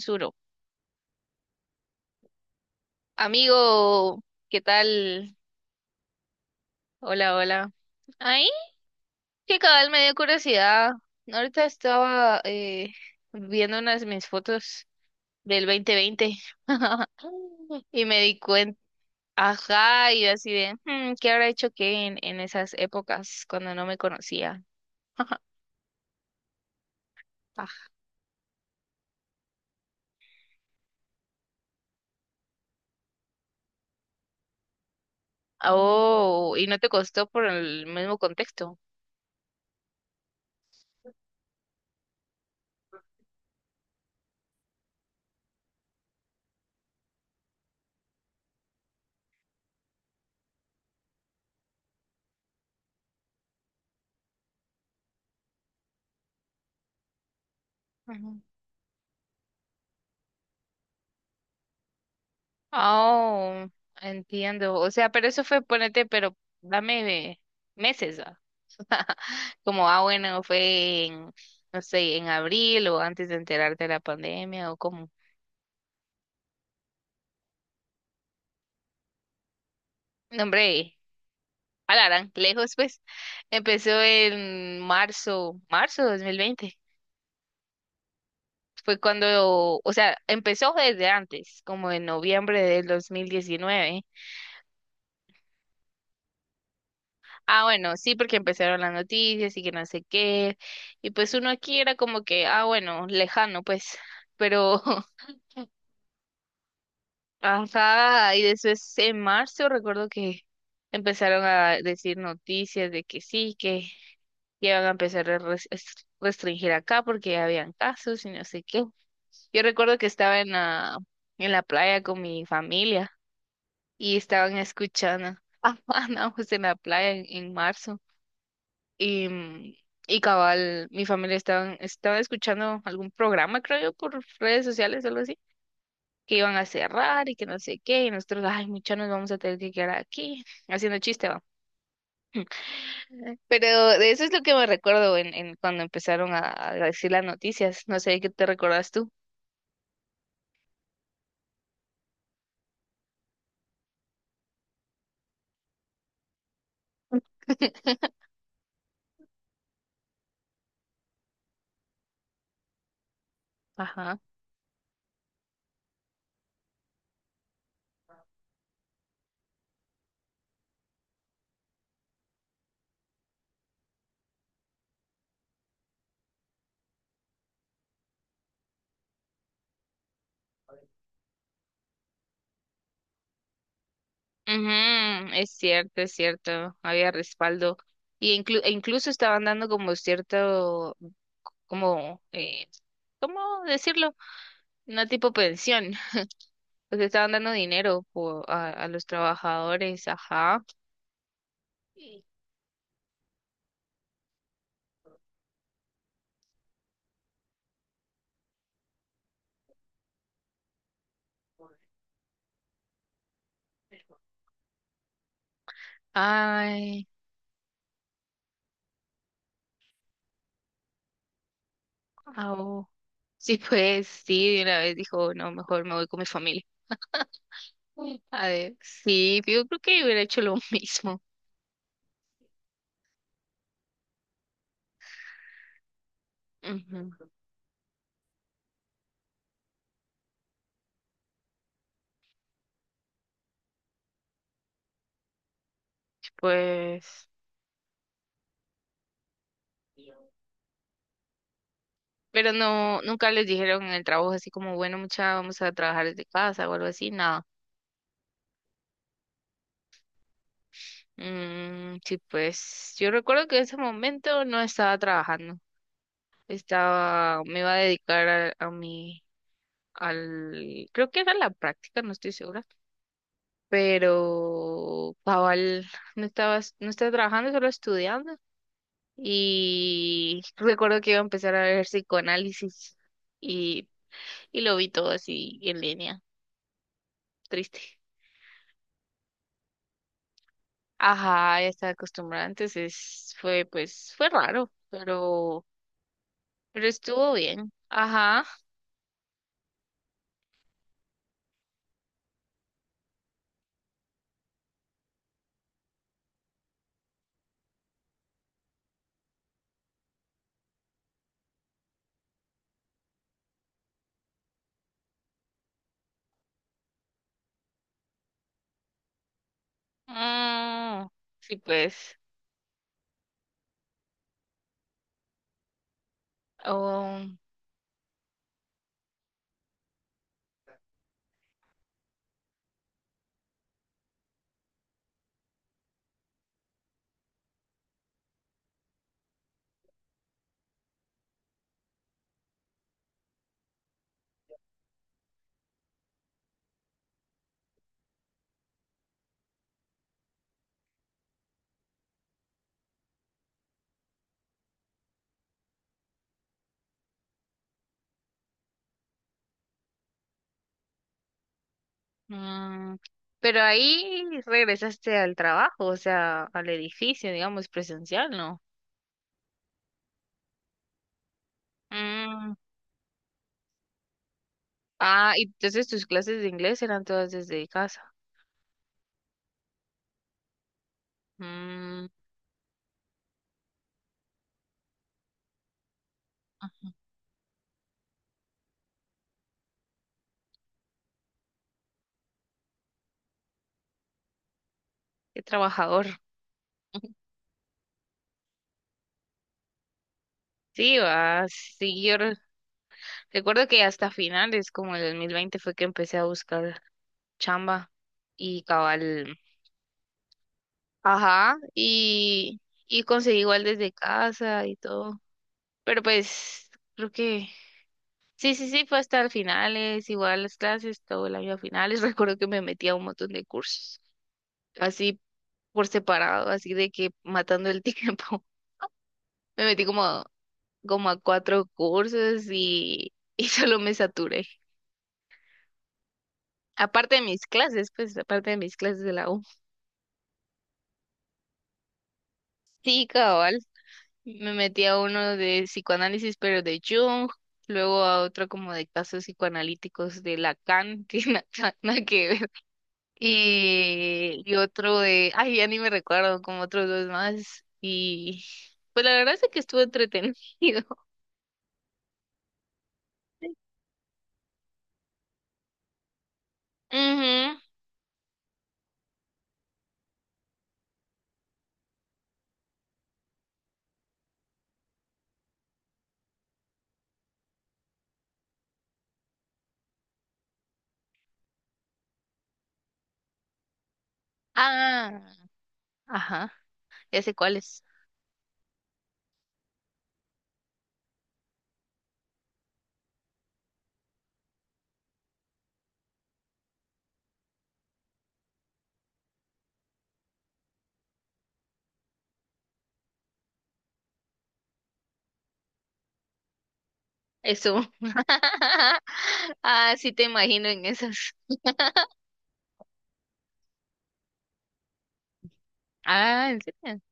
Suro. Amigo, ¿qué tal? Hola, hola. Ay, que cabal me dio curiosidad. Ahorita estaba viendo unas de mis fotos del 2020 y me di cuenta, ajá, y yo así de, ¿qué habrá hecho qué en esas épocas cuando no me conocía? Ah, oh, y no te costó por el mismo contexto. Oh, entiendo. O sea, pero eso fue, ponete, pero dame meses, ¿va? Como, ah, bueno, fue en, no sé, en abril o antes de enterarte de la pandemia o como. No, hombre, alarán, lejos, pues. Empezó en marzo, marzo de 2020. Fue cuando, o sea, empezó desde antes, como en noviembre del 2019. Ah, bueno, sí, porque empezaron las noticias y que no sé qué. Y pues uno aquí era como que, ah, bueno, lejano, pues. Pero, ajá, y después en marzo recuerdo que empezaron a decir noticias de que sí, que ya iban a empezar a restringir acá porque ya habían casos y no sé qué. Yo recuerdo que estaba en la playa con mi familia y estaban escuchando. Ah, andábamos en la playa en marzo. Y, mm, y cabal, mi familia estaban, estaba escuchando algún programa, creo yo, por redes sociales, algo así, que iban a cerrar y que no sé qué, y nosotros, ay, muchachos, nos vamos a tener que quedar aquí, haciendo chiste, va. Pero de eso es lo que me recuerdo en cuando empezaron a decir las noticias, no sé qué te recuerdas tú. Ajá. Ujú, es cierto, había respaldo. E incluso estaban dando como cierto, como, ¿cómo decirlo? Una tipo pensión. Pues estaban dando dinero a los trabajadores, ajá. Ay, au. Sí, pues sí, de una vez dijo, no, mejor me voy con mi familia. A ver, sí, yo creo que hubiera hecho lo mismo. Ujú. Pues, pero no, nunca les dijeron en el trabajo así como, bueno, mucha, vamos a trabajar desde casa o algo así, nada. Mm, sí, pues yo recuerdo que en ese momento no estaba trabajando, estaba, me iba a dedicar a mi al, creo que era la práctica, no estoy segura, pero Paval no estaba trabajando, solo estudiando. Y recuerdo que iba a empezar a ver psicoanálisis y, y lo vi todo así en línea, triste. Ajá, ya estaba acostumbrada, entonces fue, pues, fue raro, pero estuvo bien. Ajá. Mm, sí, pues. um, Mm, pero ahí regresaste al trabajo, o sea, al edificio, digamos, presencial, ¿no? Mm, ah, y entonces tus clases de inglés eran todas desde casa. Mm, qué trabajador. Sí, va, sí, yo recuerdo que hasta finales, como el 2020 fue que empecé a buscar chamba y cabal. Ajá, y conseguí igual desde casa y todo. Pero pues creo que sí, sí, sí, fue hasta el finales, igual las clases, todo el año a finales. Recuerdo que me metía a un montón de cursos, así por separado, así de que matando el tiempo. Me metí como, como a cuatro cursos y, y solo me saturé. Aparte de mis clases, pues aparte de mis clases de la U. Sí, cabal. Me metí a uno de psicoanálisis, pero de Jung, luego a otro como de casos psicoanalíticos de Lacan, que nada que ver. Y otro de, ay, ya ni me recuerdo, como otros dos más. Y pues la verdad es que estuvo entretenido. Ujú. Ah, ajá, ya sé cuáles. Eso. Ah, sí te imagino en esas. Ah, ¿en serio?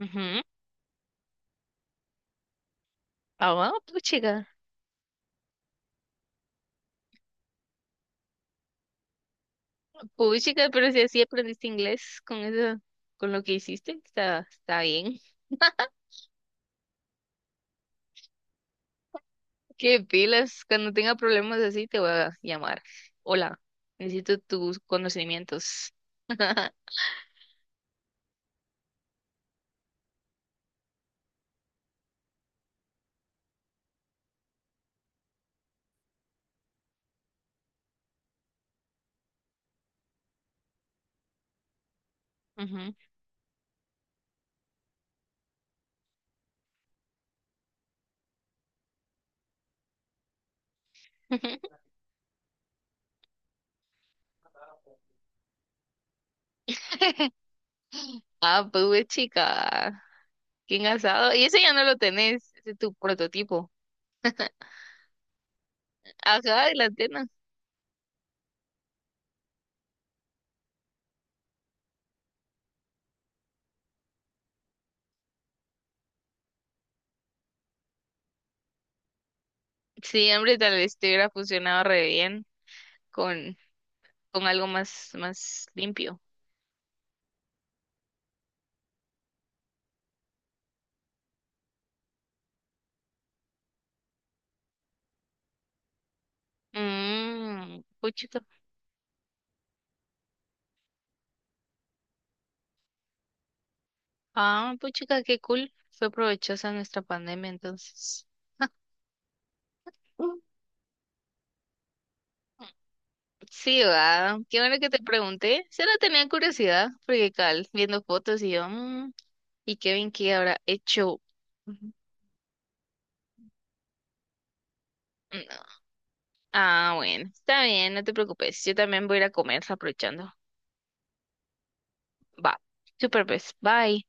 Ujú, ujú. Ah, wow, puchica. Puchica, pero si así aprendiste inglés con eso, con lo que hiciste, está bien. Qué pilas, cuando tenga problemas así te voy a llamar. Hola, necesito tus conocimientos. Ujú. Ah, pues güey, chica, qué engasado. Y ese ya no lo tenés, ese es tu prototipo. Ajá, de la antena. Sí, hombre, tal vez te hubiera funcionado re bien con, con algo más, más limpio. Mmm, puchica. Ah, puchica, qué cool. Fue provechosa nuestra pandemia entonces. Sí, va. Qué bueno que te pregunté. Solo tenía curiosidad, porque cal, viendo fotos y yo, "Mm, ¿y Kevin qué habrá hecho? Ujú. No. Ah, bueno, está bien, no te preocupes. Yo también voy a ir a comer aprovechando. Va. Super, pues. Bye.